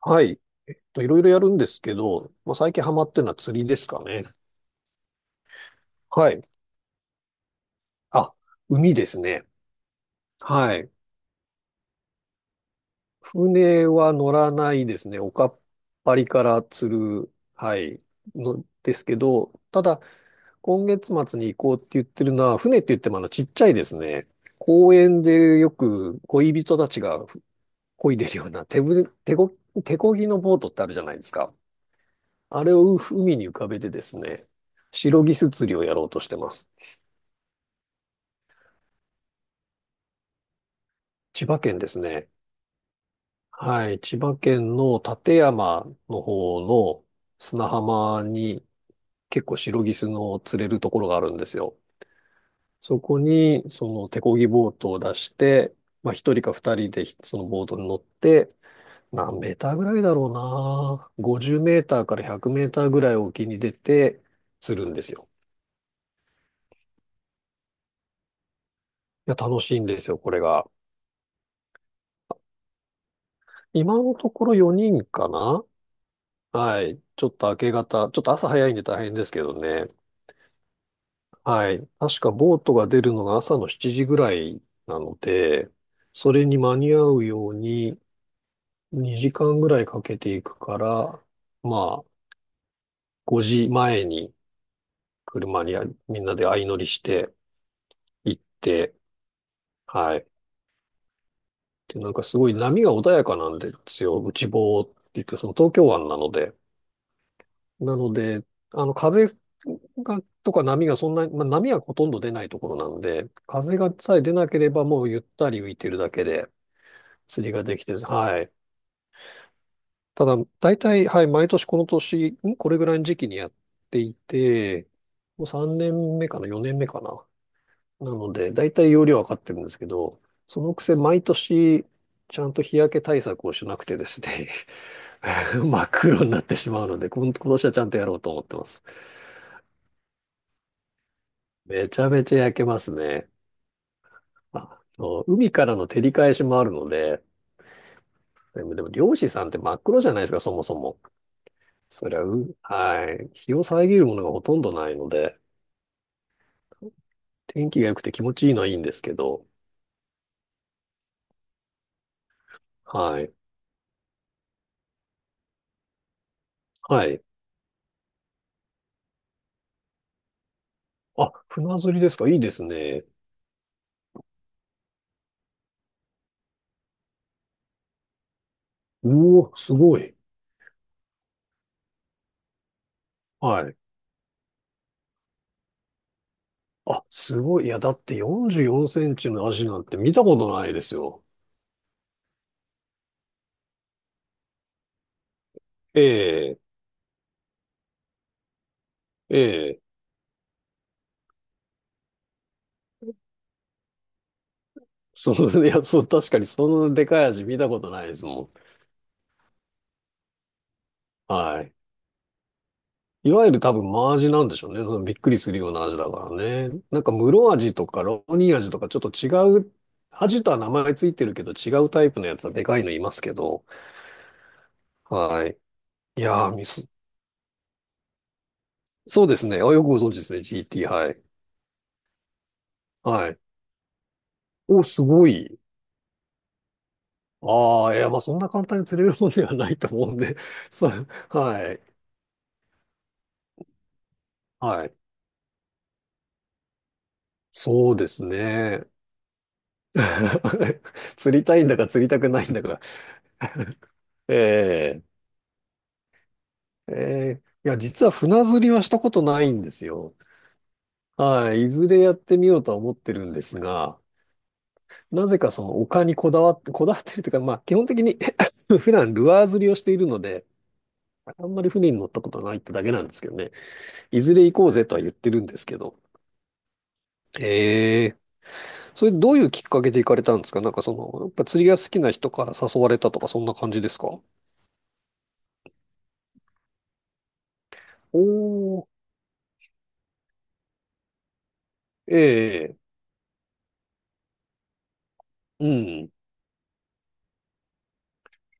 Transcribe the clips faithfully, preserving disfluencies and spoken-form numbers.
はい。といろいろやるんですけど、まあ、最近ハマってるのは釣りですかね。はい。あ、海ですね。はい。船は乗らないですね。おかっぱりから釣る、はい、のですけど、ただ、今月末に行こうって言ってるのは、船って言ってもあの、ちっちゃいですね。公園でよく恋人たちがふ漕いでるような手ぶ、手こ、手漕ぎのボートってあるじゃないですか。あれを海に浮かべてですね、シロギス釣りをやろうとしてます。千葉県ですね。はい。千葉県の館山の方の砂浜に結構シロギスの釣れるところがあるんですよ。そこにその手漕ぎボートを出して、まあひとりかふたりでそのボートに乗って、何メーターぐらいだろうな。ごじゅうメーターからひゃくメーターぐらい沖に出て釣るんですよ。いや、楽しいんですよ、これが。今のところよにんかな。はい。ちょっと明け方、ちょっと朝早いんで大変ですけどね。はい。確かボートが出るのが朝のしちじぐらいなので、それに間に合うようににじかんぐらいかけていくから、まあ、ごじまえに車にあみんなで相乗りして行って、はい。で、なんかすごい波が穏やかなんですよ。内房って言って、その東京湾なので。なので、あの、風が、とか波がそんなに、まあ、波はほとんど出ないところなんで、風がさえ出なければもうゆったり浮いてるだけで、釣りができてるんです。はい。ただ、大体、はい、毎年この年、んこれぐらいの時期にやっていて、もうさんねんめかな、よねんめかな。なので、大体容量は分かってるんですけど、そのくせ毎年、ちゃんと日焼け対策をしなくてですね 真っ黒になってしまうので、こん今年はちゃんとやろうと思ってます。めちゃめちゃ焼けますね。あ、そう、海からの照り返しもあるので、でも、でも漁師さんって真っ黒じゃないですか、そもそも。そりゃう、はい。日を遮るものがほとんどないので、天気が良くて気持ちいいのはいいんですけど、はい。はい。あ、船釣りですか？いいですね。うお、すごい。はい。あ、すごい。いや、だってよんじゅうよんセンチの足なんて見たことないですよ。ええ、ええ。その、いや、そう、確かにそのでかい足見たことないですもん。はい。いわゆる多分真味なんでしょうね。そのびっくりするような味だからね。なんか室味とかロニー味とかちょっと違う、味とは名前ついてるけど違うタイプのやつはでかいのいますけど。はい。いやー、ミス。そうですね。あ、よくご存知ですね。ジーティー、はい。はい。お、すごい。ああ、いや、まあそんな簡単に釣れるもんではないと思うんで。そう、はい。はい。そうですね。釣りたいんだか釣りたくないんだか。ええええ、いや、実は船釣りはしたことないんですよ。はい。いずれやってみようとは思ってるんですが、なぜかその丘にこだわって、こだわってるというか、まあ基本的に 普段ルアー釣りをしているので、あんまり船に乗ったことないってだけなんですけどね。いずれ行こうぜとは言ってるんですけど。ええ、それどういうきっかけで行かれたんですか？なんかその、やっぱ釣りが好きな人から誘われたとかそんな感じですか？おー、ええ、うん。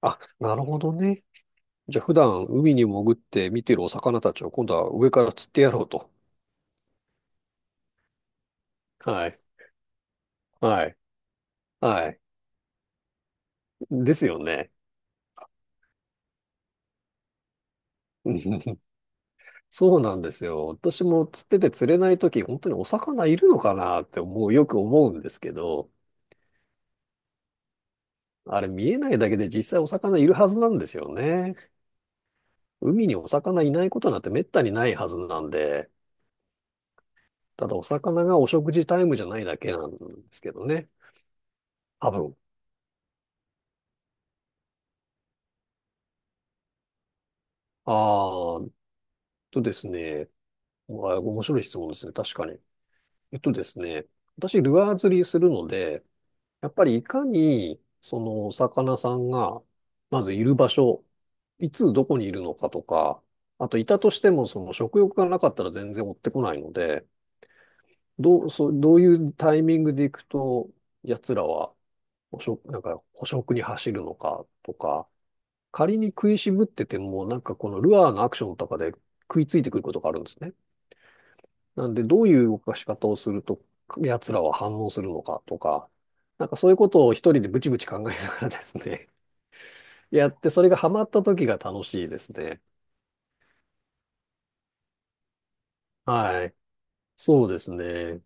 あ、なるほどね。じゃあ普段海に潜って見てるお魚たちを今度は上から釣ってやろうと。はい。はい。はい。ですよね。うん、そうなんですよ。私も釣ってて釣れないとき、本当にお魚いるのかなって思う、よく思うんですけど、あれ見えないだけで実際お魚いるはずなんですよね。海にお魚いないことなんてめったにないはずなんで、ただお魚がお食事タイムじゃないだけなんですけどね。多分。ああ、とですね。うわ面白い質問ですね。確かに。えっとですね、私、ルアー釣りするので、やっぱりいかに、その、お魚さんが、まずいる場所、いつどこにいるのかとか、あと、いたとしても、その、食欲がなかったら全然追ってこないので、どう、そう、どういうタイミングで行くと、奴らは、捕食、なんか、捕食に走るのかとか、仮に食いしぶってても、なんかこのルアーのアクションとかで食いついてくることがあるんですね。なんで、どういう動かし方をすると、奴らは反応するのかとか、なんかそういうことを一人でブチブチ考えながらですね、やって、それがハマった時が楽しいですね。はい。そうですね。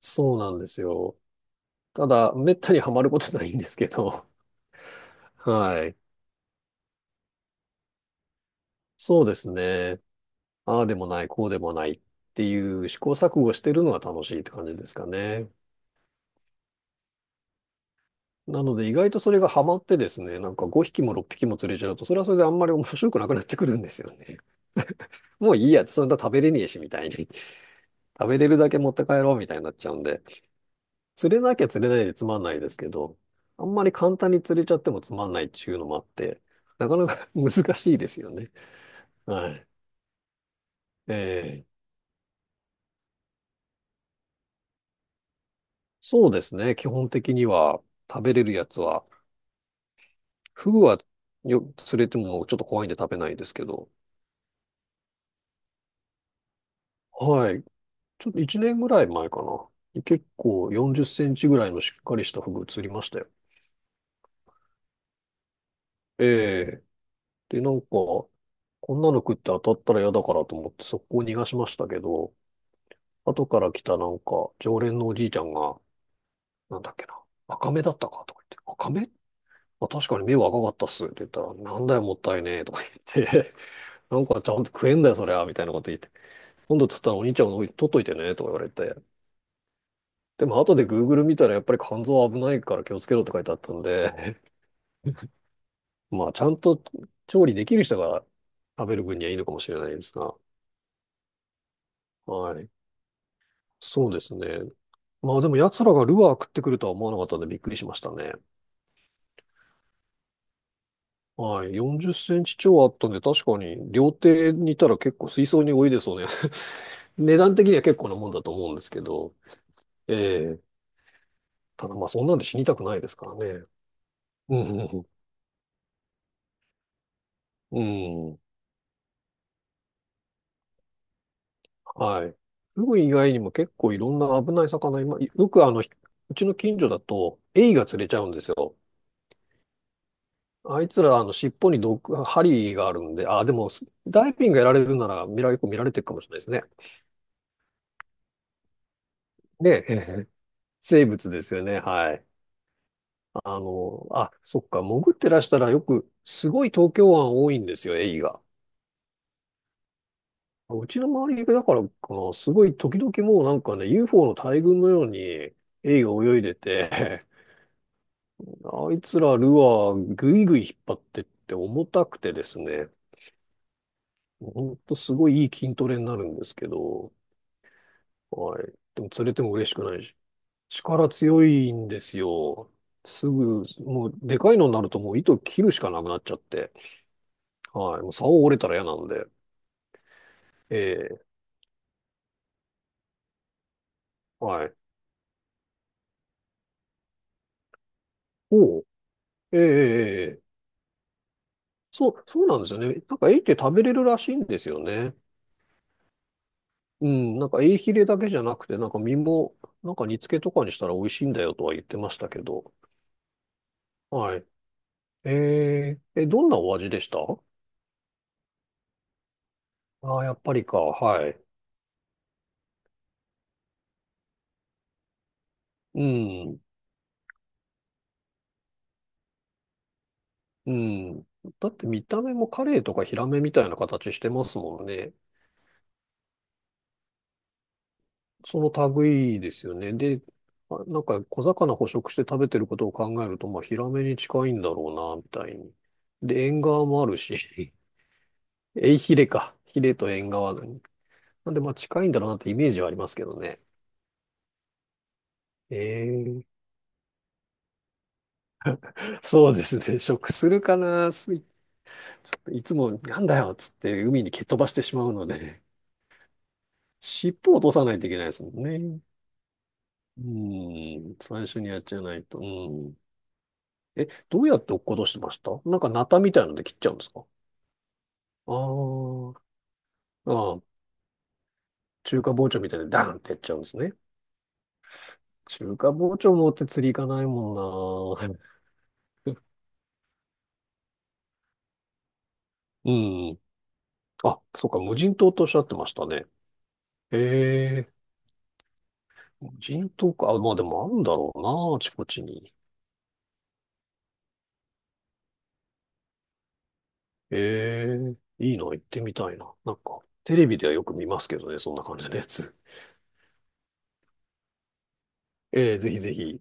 そうなんですよ。ただ、めったにハマることないんですけど、はい。そうですね。ああでもない、こうでもないっていう試行錯誤してるのが楽しいって感じですかね。なので意外とそれがハマってですね、なんかごひきもろっぴきも釣れちゃうと、それはそれであんまり面白くなくなってくるんですよね。もういいや、そんな食べれねえし、みたいに。食べれるだけ持って帰ろう、みたいになっちゃうんで。釣れなきゃ釣れないでつまんないですけど、あんまり簡単に釣れちゃってもつまんないっていうのもあって、なかなか 難しいですよね。はい。えーそうですね。基本的には食べれるやつは、フグはよ、釣れてもちょっと怖いんで食べないですけど、はい。ちょっといちねんぐらい前かな。結構よんじゅうセンチぐらいのしっかりしたフグ釣りましたよ。ええ。で、なんか、こんなの食って当たったら嫌だからと思って速攻逃がしましたけど、後から来たなんか、常連のおじいちゃんが、なんだっけな、赤目だったかとか言って、赤目、まあ、確かに目は赤かったっすって言ったら、なんだよもったいねえとか言って、なんかちゃんと食えんだよそりゃ、みたいなこと言って、今度釣ったらお兄ちゃんの方取っといてね、とか言われて、でも後で Google 見たらやっぱり肝臓危ないから気をつけろって書いてあったんで、まあちゃんと調理できる人が食べる分にはいいのかもしれないですが、はい。そうですね。まあでも奴らがルアー食ってくるとは思わなかったんでびっくりしましたね。はい。よんじゅうセンチ超あったんで、確かに料亭にいたら結構水槽に泳いでそうね。値段的には結構なもんだと思うんですけど。ええ、ただまあそんなんで死にたくないですからね。うん、うん、うん、うん。はい。フグ以外にも結構いろんな危ない魚、今、よくあの、うちの近所だと、エイが釣れちゃうんですよ。あいつら、あの、尻尾に毒、針があるんで、あ、でも、スダイビングやられるなら、見られ、結構見られてるかもしれないですね。ねえ、ええ、生物ですよね。はい。あの、あ、そっか、潜ってらしたらよく、すごい東京湾多いんですよ、エイが。うちの周りだからかな、すごい時々もうなんかね、ユーフォー の大群のように、エイが泳いでて、あいつらルアーぐいぐい引っ張ってって重たくてですね、ほんとすごいいい筋トレになるんですけど、はい。でも釣れても嬉しくないし。力強いんですよ。すぐ、もう、でかいのになるともう糸切るしかなくなっちゃって。はい。もう竿折れたら嫌なんで。ええ。はい。おう。ええええええ、そう、そうなんですよね。なんか、エイって食べれるらしいんですよね。うん。なんか、エイヒレだけじゃなくて、なんか、身も、なんか、煮付けとかにしたら美味しいんだよとは言ってましたけど。はい。えええ、どんなお味でした？ああー、やっぱりか。はい。うん。うん。だって見た目もカレイとかヒラメみたいな形してますもんね。その類いですよね。で、あ、なんか小魚捕食して食べてることを考えると、まあヒラメに近いんだろうな、みたいに。で、縁側もあるし、エイヒレか。ヒレと縁側なんで、まあ近いんだろうなってイメージはありますけどね。ええ、そうですね。食するかな。すい、いつもなんだよっつって海に蹴っ飛ばしてしまうので、尻尾を落とさないといけないですもんね。うん。最初にやっちゃないと。うん。え、どうやって落っことしてました？なんかナタみたいので切っちゃうんですか？あー、あー。あ、中華包丁みたいでダーンってやっちゃうんですね。中華包丁持って釣り行かないもんな。うん。あ、そっか、無人島とおっしゃってましたね。へえ、無人島か。あ、まあでもあるんだろうな、あちこちに。へえ、いいな、行ってみたいな。なんか、テレビではよく見ますけどね、そんな感じのやつ。ええ、ぜひぜひ。